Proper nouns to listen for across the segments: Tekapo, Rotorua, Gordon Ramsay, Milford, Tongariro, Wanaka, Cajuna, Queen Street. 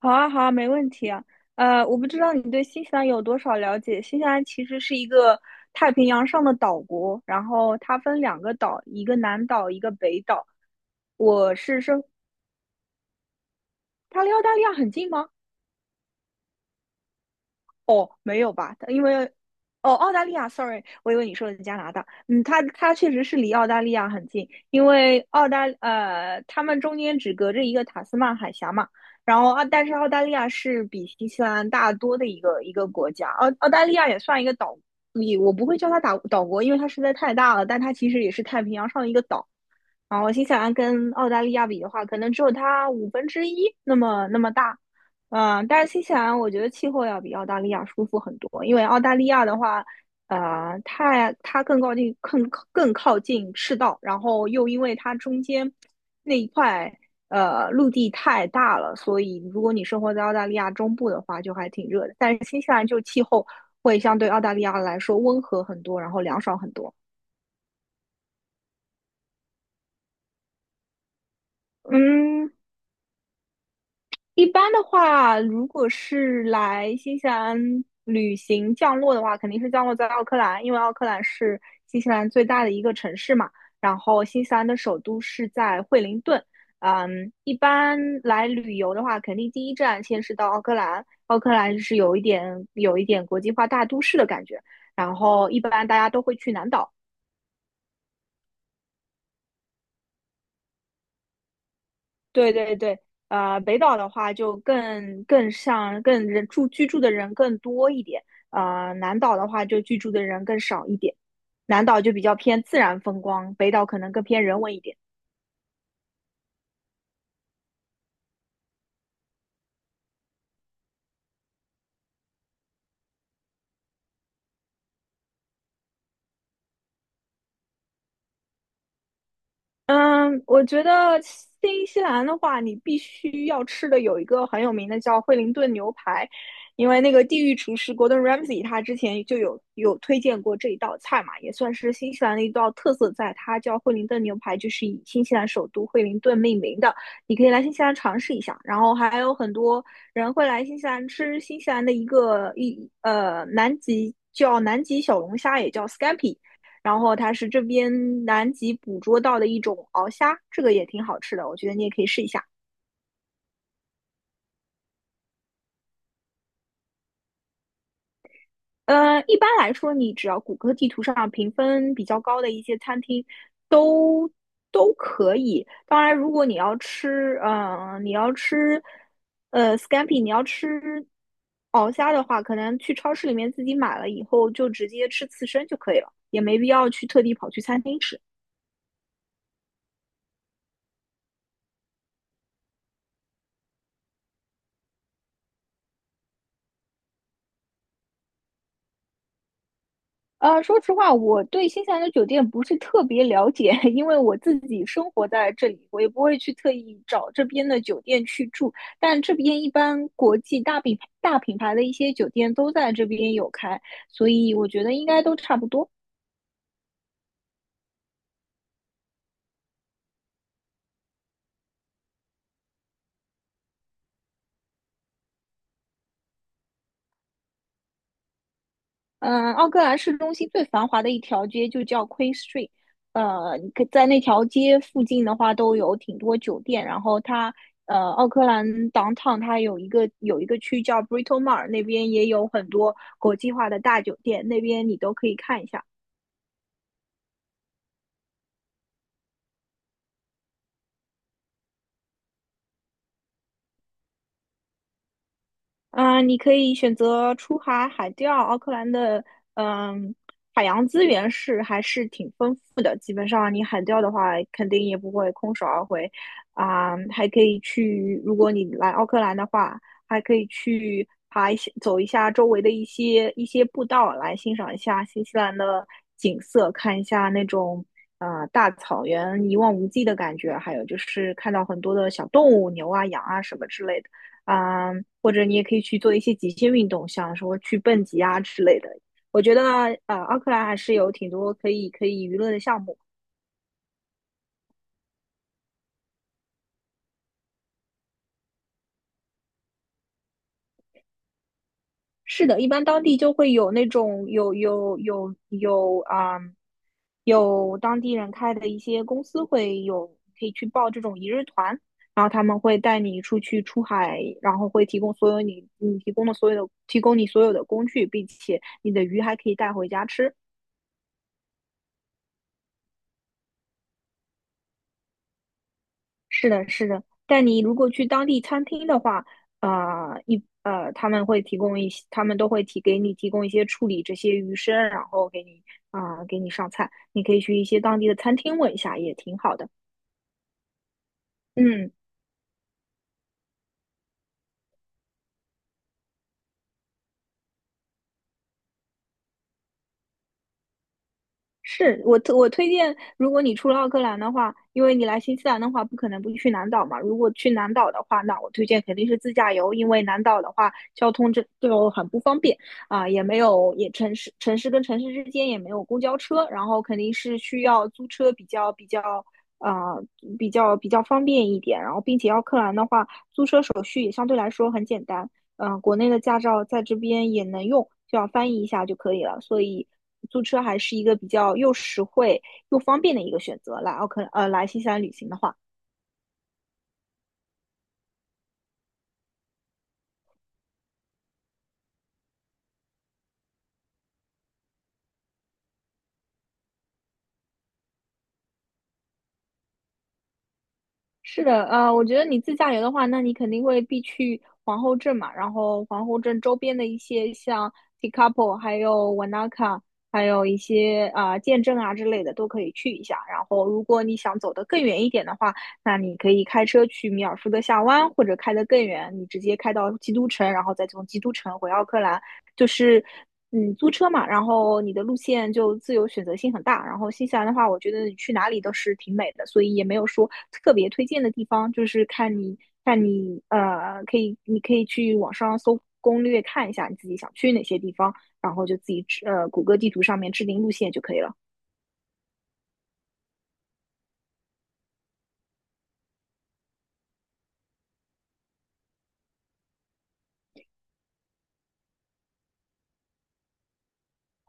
好啊，好啊，没问题啊。我不知道你对新西兰有多少了解。新西兰其实是一个太平洋上的岛国，然后它分两个岛，一个南岛，一个北岛。我是说，它离澳大利亚很近吗？哦，没有吧？因为哦，澳大利亚，sorry，我以为你说的是加拿大。嗯，它确实是离澳大利亚很近，因为他们中间只隔着一个塔斯曼海峡嘛。然后啊，但是澳大利亚是比新西兰大多的一个国家，澳大利亚也算一个岛，也我不会叫它岛国，因为它实在太大了，但它其实也是太平洋上的一个岛。然后新西兰跟澳大利亚比的话，可能只有它五分之一那么大。嗯，但是新西兰我觉得气候要比澳大利亚舒服很多，因为澳大利亚的话，它更靠近更靠近赤道，然后又因为它中间那一块陆地太大了，所以如果你生活在澳大利亚中部的话，就还挺热的。但是新西兰就气候会相对澳大利亚来说温和很多，然后凉爽很多。嗯，一般的话，如果是来新西兰旅行降落的话，肯定是降落在奥克兰，因为奥克兰是新西兰最大的一个城市嘛。然后新西兰的首都是在惠灵顿。嗯，一般来旅游的话，肯定第一站先是到奥克兰。奥克兰是有一点国际化大都市的感觉。然后一般大家都会去南岛，对对对，北岛的话就更像居住的人更多一点，南岛的话就居住的人更少一点，南岛就比较偏自然风光，北岛可能更偏人文一点。嗯，我觉得新西兰的话，你必须要吃的有一个很有名的叫惠灵顿牛排，因为那个地狱厨师 Gordon Ramsay 他之前就有推荐过这一道菜嘛，也算是新西兰的一道特色菜，它叫惠灵顿牛排，就是以新西兰首都惠灵顿命名的。你可以来新西兰尝试一下，然后还有很多人会来新西兰吃新西兰的一个一呃南极叫南极小龙虾，也叫 scampi。然后它是这边南极捕捉到的一种鳌虾，这个也挺好吃的，我觉得你也可以试一下。一般来说，你只要谷歌地图上评分比较高的一些餐厅都都可以。当然，如果你要吃，scampi，你要吃鳌虾的话，可能去超市里面自己买了以后就直接吃刺身就可以了，也没必要去特地跑去餐厅吃。说实话，我对新西兰的酒店不是特别了解，因为我自己生活在这里，我也不会去特意找这边的酒店去住。但这边一般国际大品牌的一些酒店都在这边有开，所以我觉得应该都差不多。嗯，奥克兰市中心最繁华的一条街就叫 Queen Street，你可在那条街附近的话都有挺多酒店，然后奥克兰 downtown 它有一个区叫 b r i t o Mar，那边也有很多国际化的大酒店，那边你都可以看一下。你可以选择出海海钓，奥克兰的嗯、海洋资源是还是挺丰富的。基本上你海钓的话，肯定也不会空手而回啊、还可以去，如果你来奥克兰的话，还可以去爬一些走一下周围的一些步道，来欣赏一下新西兰的景色，看一下那种。大草原一望无际的感觉，还有就是看到很多的小动物，牛啊、羊啊什么之类的。啊、或者你也可以去做一些极限运动，像说去蹦极啊之类的。我觉得奥克兰还是有挺多可以娱乐的项目。是的，一般当地就会有那种有当地人开的一些公司会有可以去报这种一日团，然后他们会带你出去出海，然后会提供所有你你提供的所有的提供你所有的工具，并且你的鱼还可以带回家吃。是的，是的，但你如果去当地餐厅的话，他们会给你提供一些处理这些鱼生，然后给你上菜。你可以去一些当地的餐厅问一下，也挺好的。嗯，我推荐，如果你出了奥克兰的话，因为你来新西兰的话，不可能不去南岛嘛。如果去南岛的话，那我推荐肯定是自驾游，因为南岛的话，交通这就很不方便啊，也没有也城市跟城市之间也没有公交车，然后肯定是需要租车呃比较方便一点。然后并且奥克兰的话，租车手续也相对来说很简单。国内的驾照在这边也能用，就要翻译一下就可以了。所以租车还是一个比较又实惠又方便的一个选择。来奥克呃来新西兰旅行的话。是的，我觉得你自驾游的话，那你肯定会必去皇后镇嘛，然后皇后镇周边的一些像 Tekapo，还有 Wanaka，还有一些剑镇啊之类的都可以去一下。然后，如果你想走得更远一点的话，那你可以开车去米尔福德峡湾，或者开得更远，你直接开到基督城，然后再从基督城回奥克兰。就是嗯，租车嘛，然后你的路线就自由选择性很大。然后新西兰的话，我觉得你去哪里都是挺美的，所以也没有说特别推荐的地方，就是看你你可以去网上搜攻略看一下你自己想去哪些地方，然后就自己谷歌地图上面制定路线就可以了。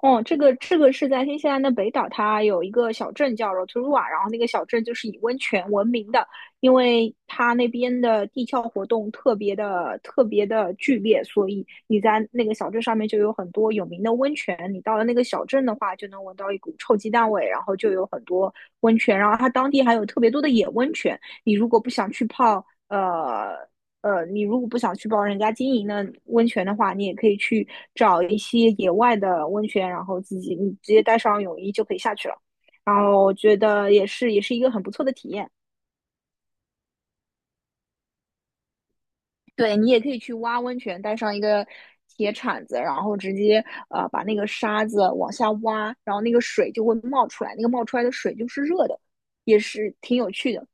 哦，这个是在新西兰的北岛，它有一个小镇叫 Rotorua，然后那个小镇就是以温泉闻名的，因为它那边的地壳活动特别的剧烈，所以你在那个小镇上面就有很多有名的温泉。你到了那个小镇的话，就能闻到一股臭鸡蛋味，然后就有很多温泉，然后它当地还有特别多的野温泉。呃，你如果不想去帮人家经营的温泉的话，你也可以去找一些野外的温泉，然后自己你直接带上泳衣就可以下去了。然后我觉得也是，也是一个很不错的体验。对你也可以去挖温泉，带上一个铁铲子，然后直接把那个沙子往下挖，然后那个水就会冒出来，那个冒出来的水就是热的，也是挺有趣的。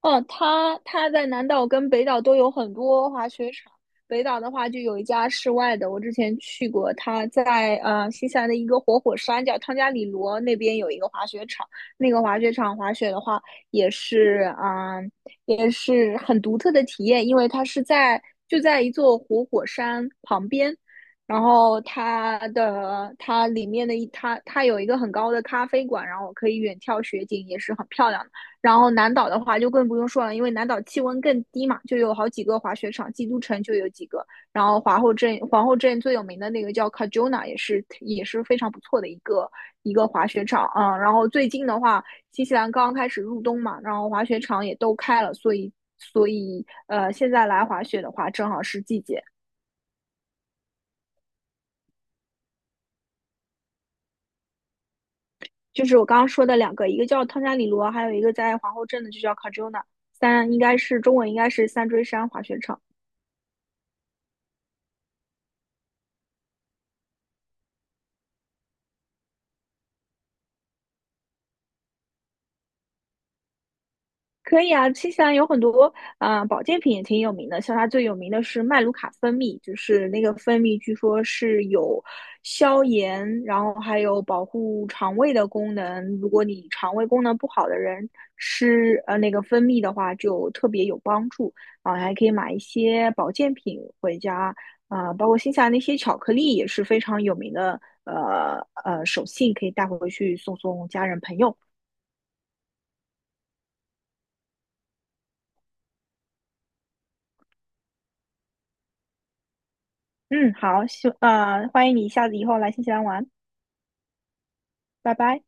哦，它在南岛跟北岛都有很多滑雪场。北岛的话，就有一家室外的，我之前去过，它在新西兰的一个活火山叫汤加里罗那边有一个滑雪场。那个滑雪场滑雪的话，也是啊、呃也是很独特的体验，因为它是在就在一座活火山旁边，然后它的它里面的一它它有一个很高的咖啡馆，然后可以远眺雪景，也是很漂亮的。然后南岛的话就更不用说了，因为南岛气温更低嘛，就有好几个滑雪场，基督城就有几个，然后皇后镇最有名的那个叫 Cajuna，也是也是非常不错的一个滑雪场。然后最近的话，新西兰刚刚开始入冬嘛，然后滑雪场也都开了，所以现在来滑雪的话，正好是季节。就是我刚刚说的两个，一个叫汤加里罗，还有一个在皇后镇的就叫 Cajuna，应该是中文应该是三锥山滑雪场。可以啊，新西兰有很多保健品也挺有名的，像它最有名的是麦卢卡蜂蜜，就是那个蜂蜜据说是有消炎，然后还有保护肠胃的功能。如果你肠胃功能不好的人吃那个蜂蜜的话，就特别有帮助啊、还可以买一些保健品回家啊、包括新西兰那些巧克力也是非常有名的，手信可以带回去送家人朋友。嗯，好，欢迎你下次以后来新西兰玩，拜拜。